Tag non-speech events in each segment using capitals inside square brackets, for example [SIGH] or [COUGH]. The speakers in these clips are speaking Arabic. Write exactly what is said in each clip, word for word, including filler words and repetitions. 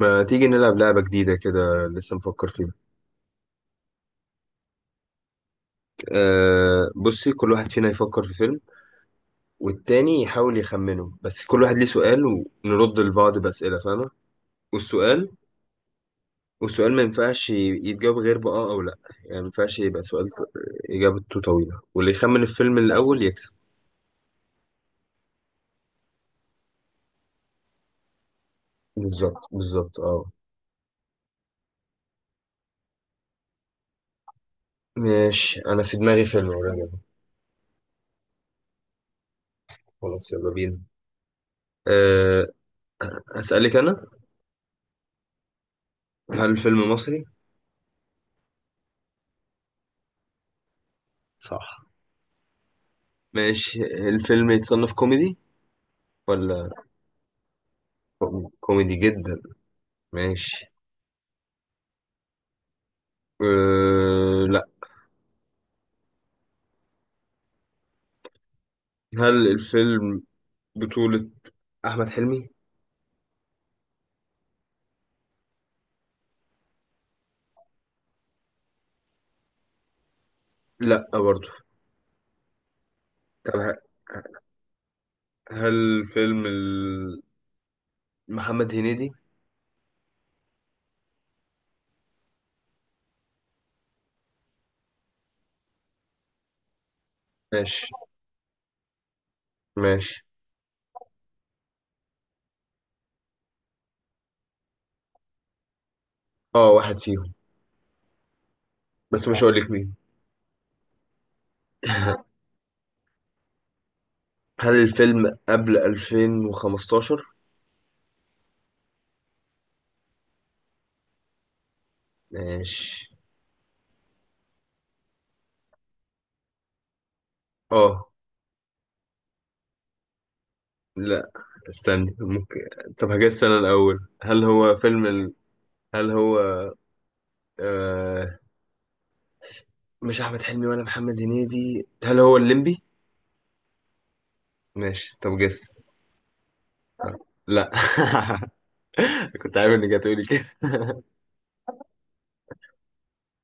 ما تيجي نلعب لعبة جديدة كده؟ لسه مفكر فيها. أه بصي، كل واحد فينا يفكر في فيلم والتاني يحاول يخمنه، بس كل واحد ليه سؤال ونرد لبعض بأسئلة، فاهمة؟ والسؤال والسؤال ما ينفعش يتجاوب غير بآه أو لأ. يعني ما ينفعش يبقى سؤال ط- إجابته طويلة، واللي يخمن الفيلم الأول يكسب. بالظبط بالظبط، اه. ماشي، أنا في دماغي فيلم قريب. خلاص يلا بينا. أه هسألك أنا. هل الفيلم مصري؟ صح. ماشي، الفيلم يتصنف كوميدي ولا؟ كوميدي جدا. ماشي. أه لا. هل الفيلم بطولة أحمد حلمي؟ لا برضه. طب ه- هل فيلم ال- محمد هنيدي؟ ماشي، ماشي، اه، واحد فيهم بس مش هقول لك مين. [LAUGHS] هل الفيلم قبل ألفين وخمستاشر؟ ماشي، اه، لا، استني ممكن. طب هجاز السنة الأول، هل هو فيلم ال... هل هو آه... مش أحمد حلمي ولا محمد هنيدي، هل هو الليمبي؟ ماشي. طب جس. لا. [LAUGHS] كنت عارف انك هتقولي كده.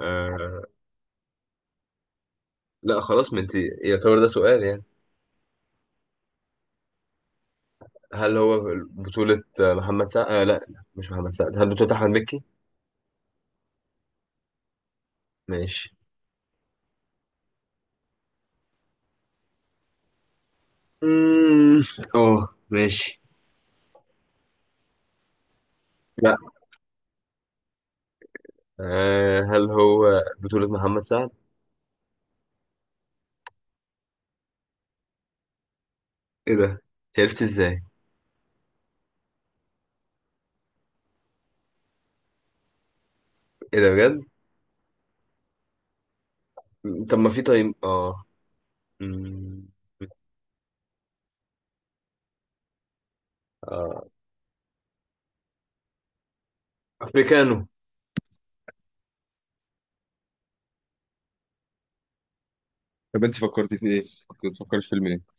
آه... لا خلاص، ما انت يعتبر ده سؤال يعني. هل هو بطولة محمد سعد؟ آه لا، مش محمد سعد. هل بطولة أحمد مكي؟ ماشي. مم، اه، ماشي. لا. آه هل هو بطولة محمد سعد؟ ايه ده، أنت عرفت ازاي؟ ايه ده بجد. طب ما في، طيب اه، مم، آه. افريكانو. طب انت فكرتي في ايه؟ كنت بتفكري في فيلم ايه؟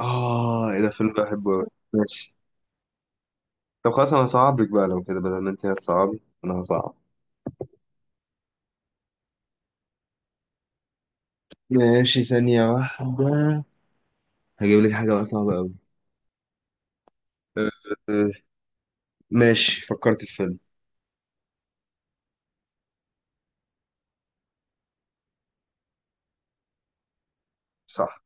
اه، ايه ده، فيلم بحبه أوي. ماشي. طب خلاص، انا هصعب لك بقى. لو كده بدل ما انت هتصعبي انا هصعب. ماشي، ثانية واحدة. هجيب لك حاجة بقى صعبة أوي. أه، أه، ماشي، فكرت في فيلم. صح.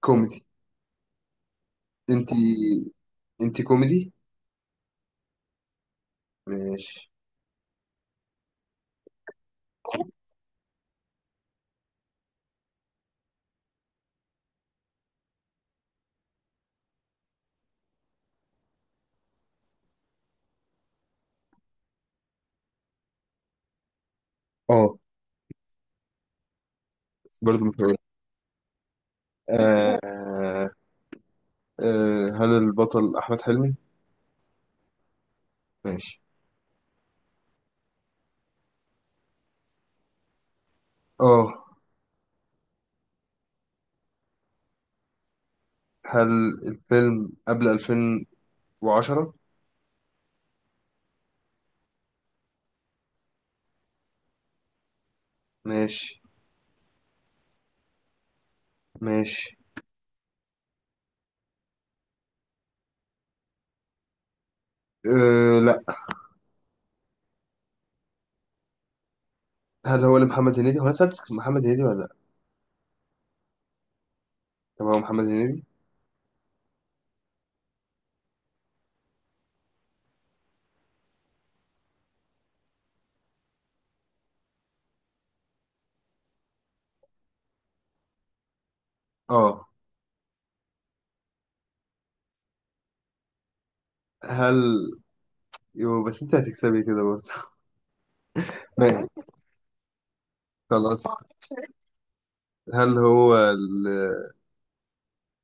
كوميدي. انت. انت كوميدي؟ ماشي، اه، بس برضه مش هقول. أه، أه، هل البطل أحمد حلمي؟ ماشي، اه. هل الفيلم قبل ألفين وعشرة؟ ماشي. ماشي، أه لا. هل هو لمحمد هنيدي؟ هو انا سألتك محمد هنيدي ولا لا؟ طب هو محمد هنيدي؟ اه، هل يو، بس انت هتكسبي كده برضه. [LAUGHS] ماشي خلاص. هل هو ال...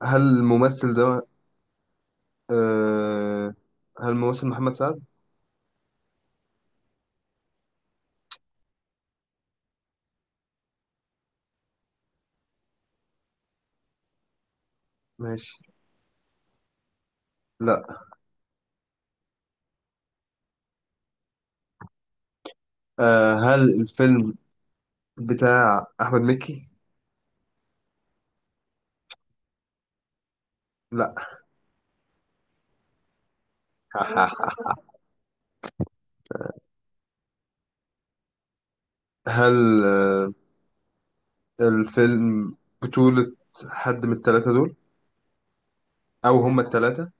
هل الممثل ده آه... هل الممثل محمد سعد؟ ماشي. لا. آه هل الفيلم بتاع أحمد مكي؟ لا. [LAUGHS] هل آه الفيلم بطولة حد من التلاتة دول؟ أو هما التلاتة؟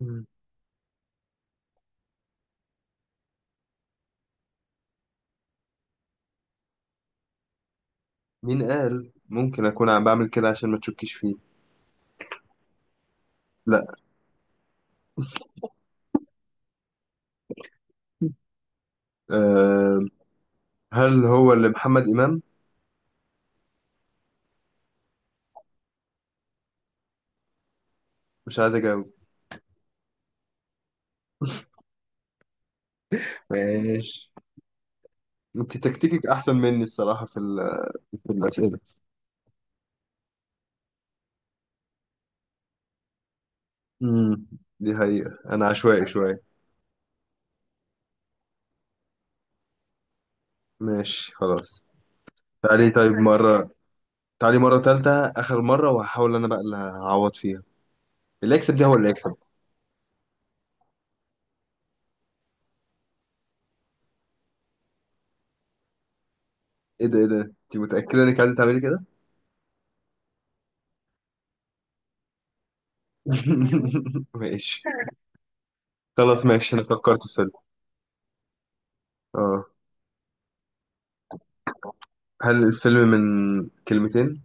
مم. مين قال؟ ممكن أكون عم بعمل كده عشان ما تشكيش فيه. لا. آه هل هو اللي محمد إمام؟ مش عايز أجاوب. ماشي. انت تكتيكك احسن مني الصراحه في ال- في الاسئله. امم. دي حقيقه، انا عشوائي شويه. ماشي خلاص. تعالي طيب مره، تعالي مره تالتة، اخر مره وهحاول انا بقى اللي هعوض فيها. اللي يكسب دي هو اللي يكسب. ايه ده، ايه ده، انت متاكده انك عايزه تعملي كده؟ [LAUGHS] ماشي خلاص. ماشي، انا فكرت في فيلم، اه. هل الفيلم من كلمتين؟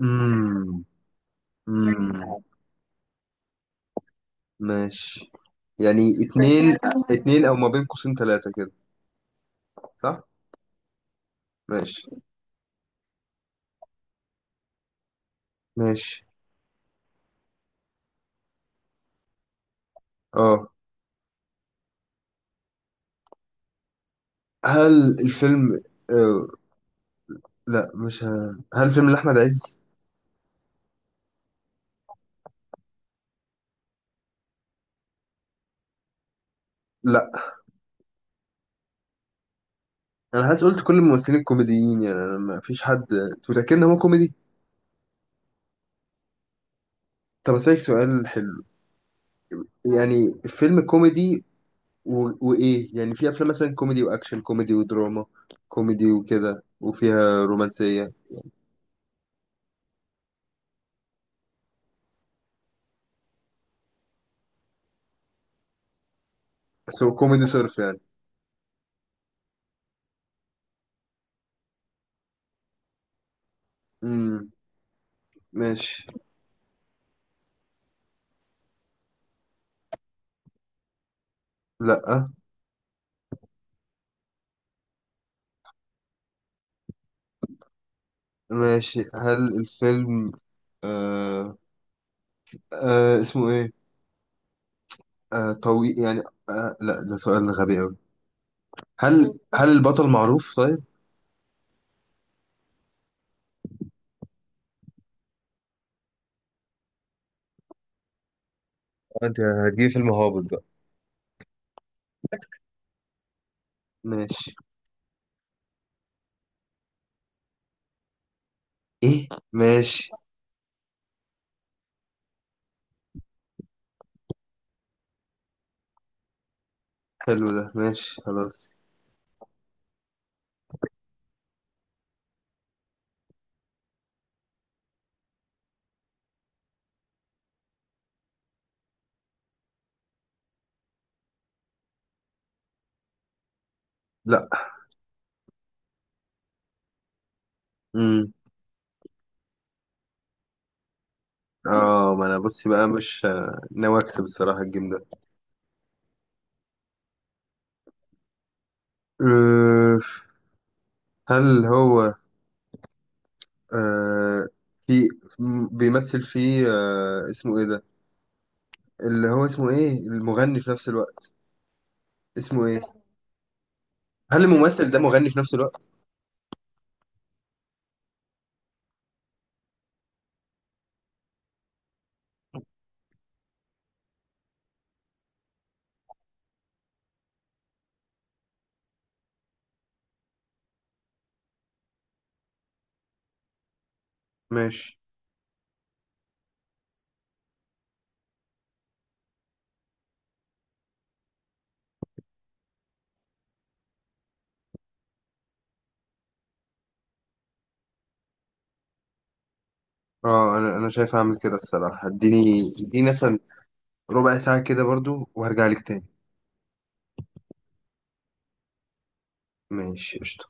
امم امم ماشي، يعني اتنين. اتنين او ما بين قوسين تلاتة كده. صح. ماشي. ماشي، اه. هل الفيلم آه لا، مش ه... هل الفيلم لأحمد عز؟ لا. انا حاسس قلت كل الممثلين كوميديين، يعني انا ما فيش حد. أنت متأكد ان هو كوميدي؟ طب اسالك سؤال حلو. يعني فيلم كوميدي و... وايه يعني؟ في افلام مثلا كوميدي واكشن، كوميدي ودراما، كوميدي وكده وفيها رومانسية. بس هو كوميدي صرف يعني؟ امم ماشي. لا. ماشي، هل الفيلم آه آه اسمه ايه؟ آه طويل يعني؟ آه لا، ده سؤال غبي قوي. هل هل البطل معروف طيب؟ انت هتجيب فيلم هابط بقى؟ ماشي. ايه، ماشي. حلو ده، ماشي خلاص. لا. امم. اه، ما انا بصي بقى مش آه، ناوي اكسب الصراحة الجيم ده. أه هل هو أه في م- بيمثل فيه، أه اسمه ايه ده، اللي هو اسمه ايه المغني في نفس الوقت؟ اسمه ايه؟ هل الممثل ده مغني في نفس الوقت؟ ماشي، اه. انا انا شايف اعمل كده الصراحة. اديني اديني مثلا ربع ساعة كده برضو، وهرجع لك تاني. ماشي قشطة.